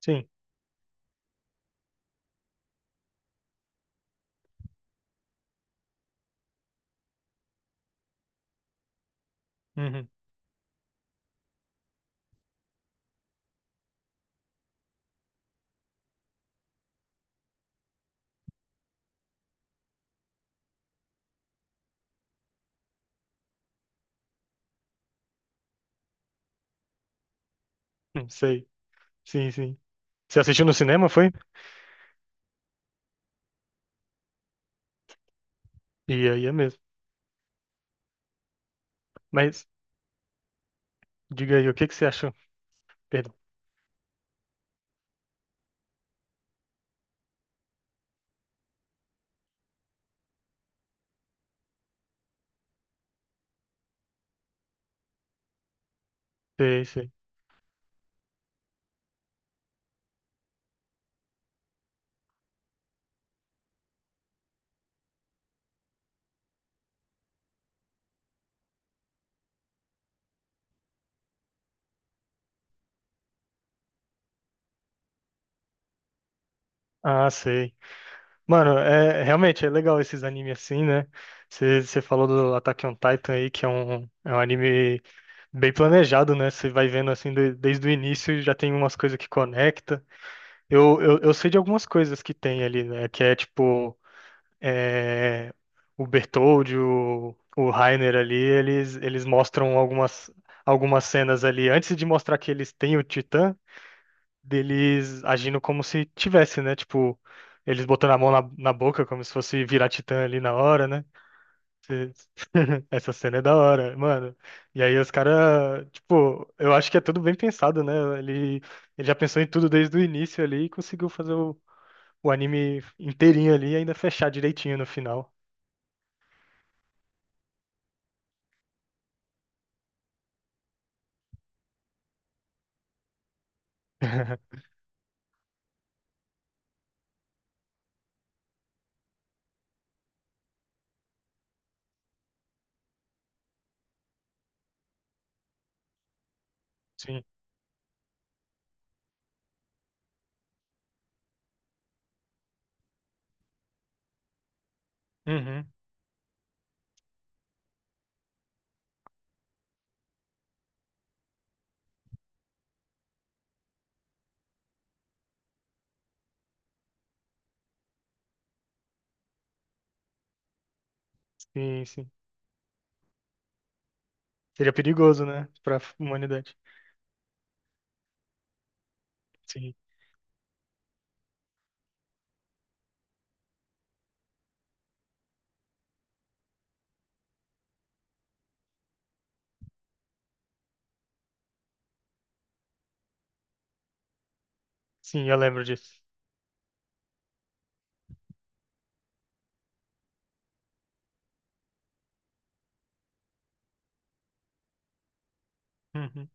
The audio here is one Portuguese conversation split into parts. Sim. Uhum. Sei. Sim, sim. Você assistiu no cinema, foi? E aí é mesmo. Mas diga aí, o que que você achou? Perdão. Sei, sei. Ah, sei. Mano, realmente é legal esses animes assim, né? Você falou do Attack on Titan aí, que é um anime bem planejado, né? Você vai vendo assim desde o início já tem umas coisas que conecta. Eu sei de algumas coisas que tem ali, né? Que é tipo é, o Bertoldi, o Rainer ali, eles mostram algumas cenas ali, antes de mostrar que eles têm o Titã, deles agindo como se tivesse, né? Tipo, eles botando a mão na boca, como se fosse virar Titã ali na hora, né? Cê- Essa cena é da hora, mano. E aí os caras, tipo, eu acho que é tudo bem pensado, né? Ele, ele já pensou em tudo desde o início ali e conseguiu fazer o anime inteirinho ali e ainda fechar direitinho no final. Sim. Uhum. Sim, sim. Seria perigoso, né? Pra humanidade. Sim. Sim, eu lembro disso. Uhum.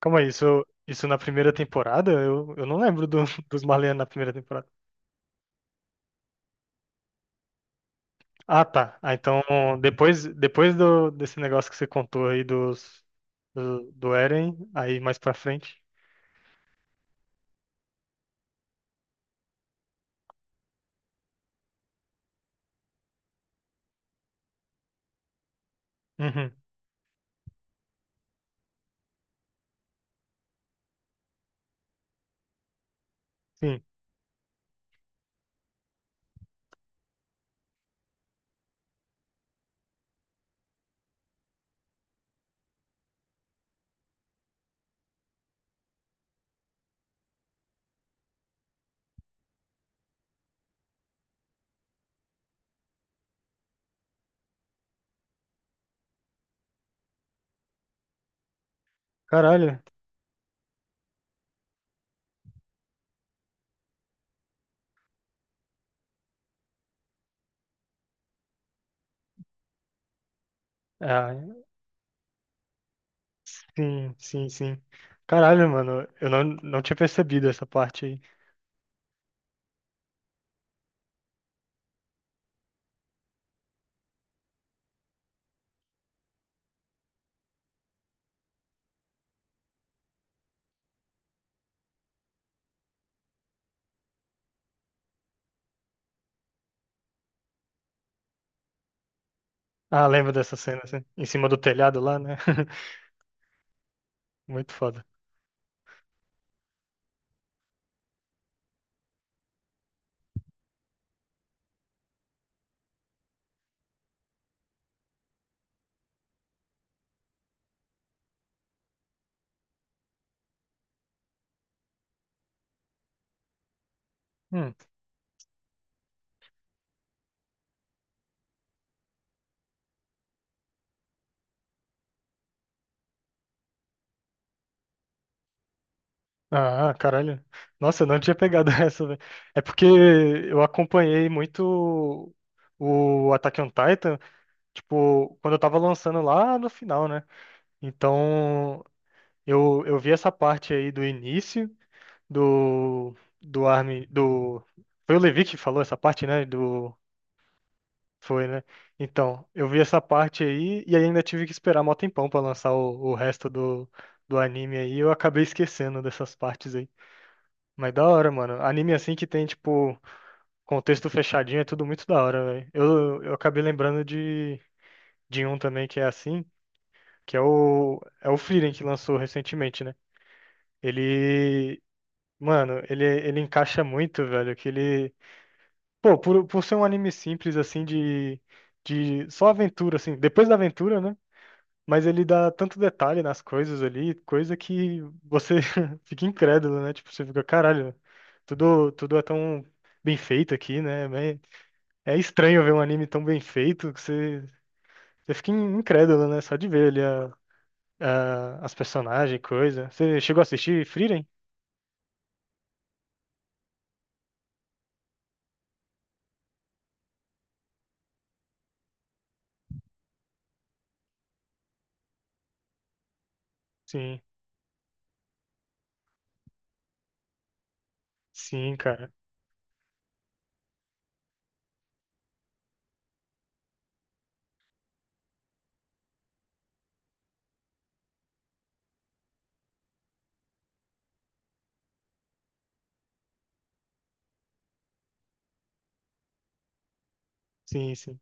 Calma aí, isso na primeira temporada? Eu não lembro dos Marleyanos na primeira temporada. Ah, tá. Ah, então, depois desse negócio que você contou aí do Eren, aí mais pra frente. Uhum. Sim. Caralho. Ah, sim, sim, sim. Caralho, mano. Eu não tinha percebido essa parte aí. Ah, lembro dessa cena, assim, em cima do telhado lá, né? Muito foda. Hum. Ah, caralho. Nossa, eu não tinha pegado essa, velho. É porque eu acompanhei muito o Attack on Titan, tipo, quando eu tava lançando lá no final, né? Então, eu vi essa parte aí do início do, do Armin, do... Foi o Levi que falou essa parte, né? Foi, né? Então, eu vi essa parte aí e ainda tive que esperar mó tempão pra lançar o resto do anime aí. Eu acabei esquecendo dessas partes aí. Mas da hora, mano. Anime assim que tem, tipo, contexto fechadinho é tudo muito da hora, velho. Eu acabei lembrando de um também que é assim, que é o Frieren que lançou recentemente, né? Ele, mano, ele encaixa muito, velho, Pô, por ser um anime simples, assim, de só aventura, assim, depois da aventura, né? Mas ele dá tanto detalhe nas coisas ali, coisa que você fica incrédulo, né? Tipo, você fica, caralho, tudo, tudo é tão bem feito aqui, né? É é estranho ver um anime tão bem feito que você fica incrédulo, né? Só de ver ali as personagens, coisa. Você chegou a assistir Frieren? Sim, sim, cara. Sim, sim.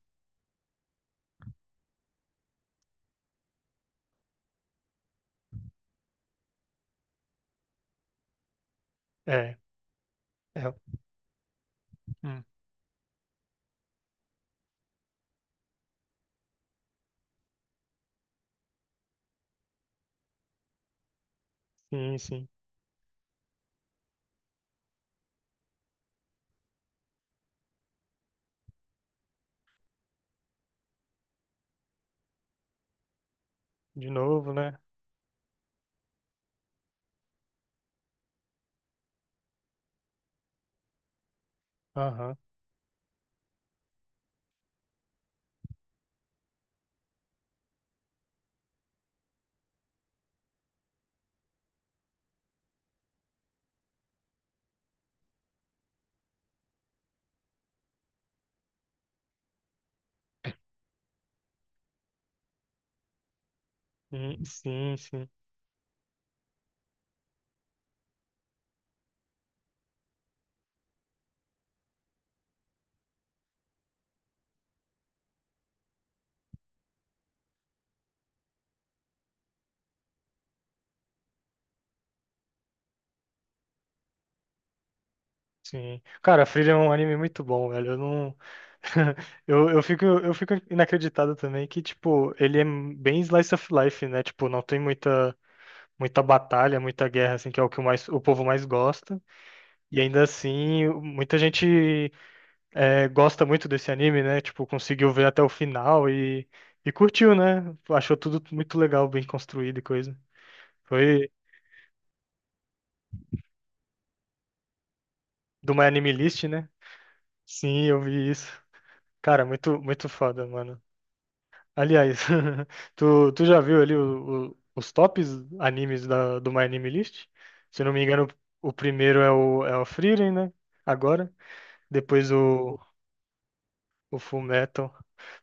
É, é. Hum. Sim, sim. De novo, né? Aham. Sim, sim, sim. Sim. Cara, Frieren é um anime muito bom, velho. Eu não. Eu fico inacreditado também que, tipo, ele é bem slice of life, né? Tipo, não tem muita batalha, muita guerra, assim, que é o que o povo mais gosta. E ainda assim, muita gente gosta muito desse anime, né? Tipo, conseguiu ver até o final e curtiu, né? Achou tudo muito legal, bem construído e coisa. Foi do My Anime List, né? Sim, eu vi isso. Cara, muito, muito foda, mano. Aliás, tu já viu ali os tops animes do My Anime List? Se eu não me engano, o primeiro é o Frieren, né? Agora. Depois o Fullmetal.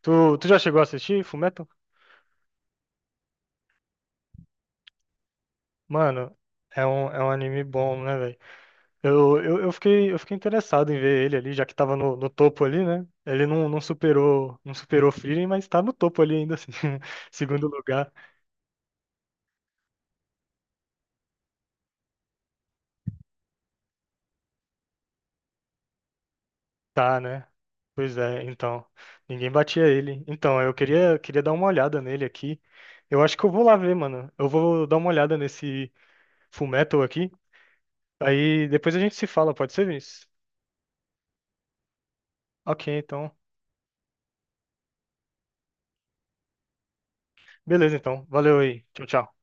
Tu já chegou a assistir Fullmetal? Mano, é um anime bom, né, velho? Eu fiquei interessado em ver ele ali, já que tava no topo ali, né? Ele não superou Frieren, mas tá no topo ali ainda assim, segundo lugar. Tá, né? Pois é, então. Ninguém batia ele. Então, eu queria dar uma olhada nele aqui. Eu acho que eu vou lá ver, mano. Eu vou dar uma olhada nesse Fullmetal aqui. Aí depois a gente se fala, pode ser, Vinícius? Ok, então. Beleza, então. Valeu aí. Tchau, tchau.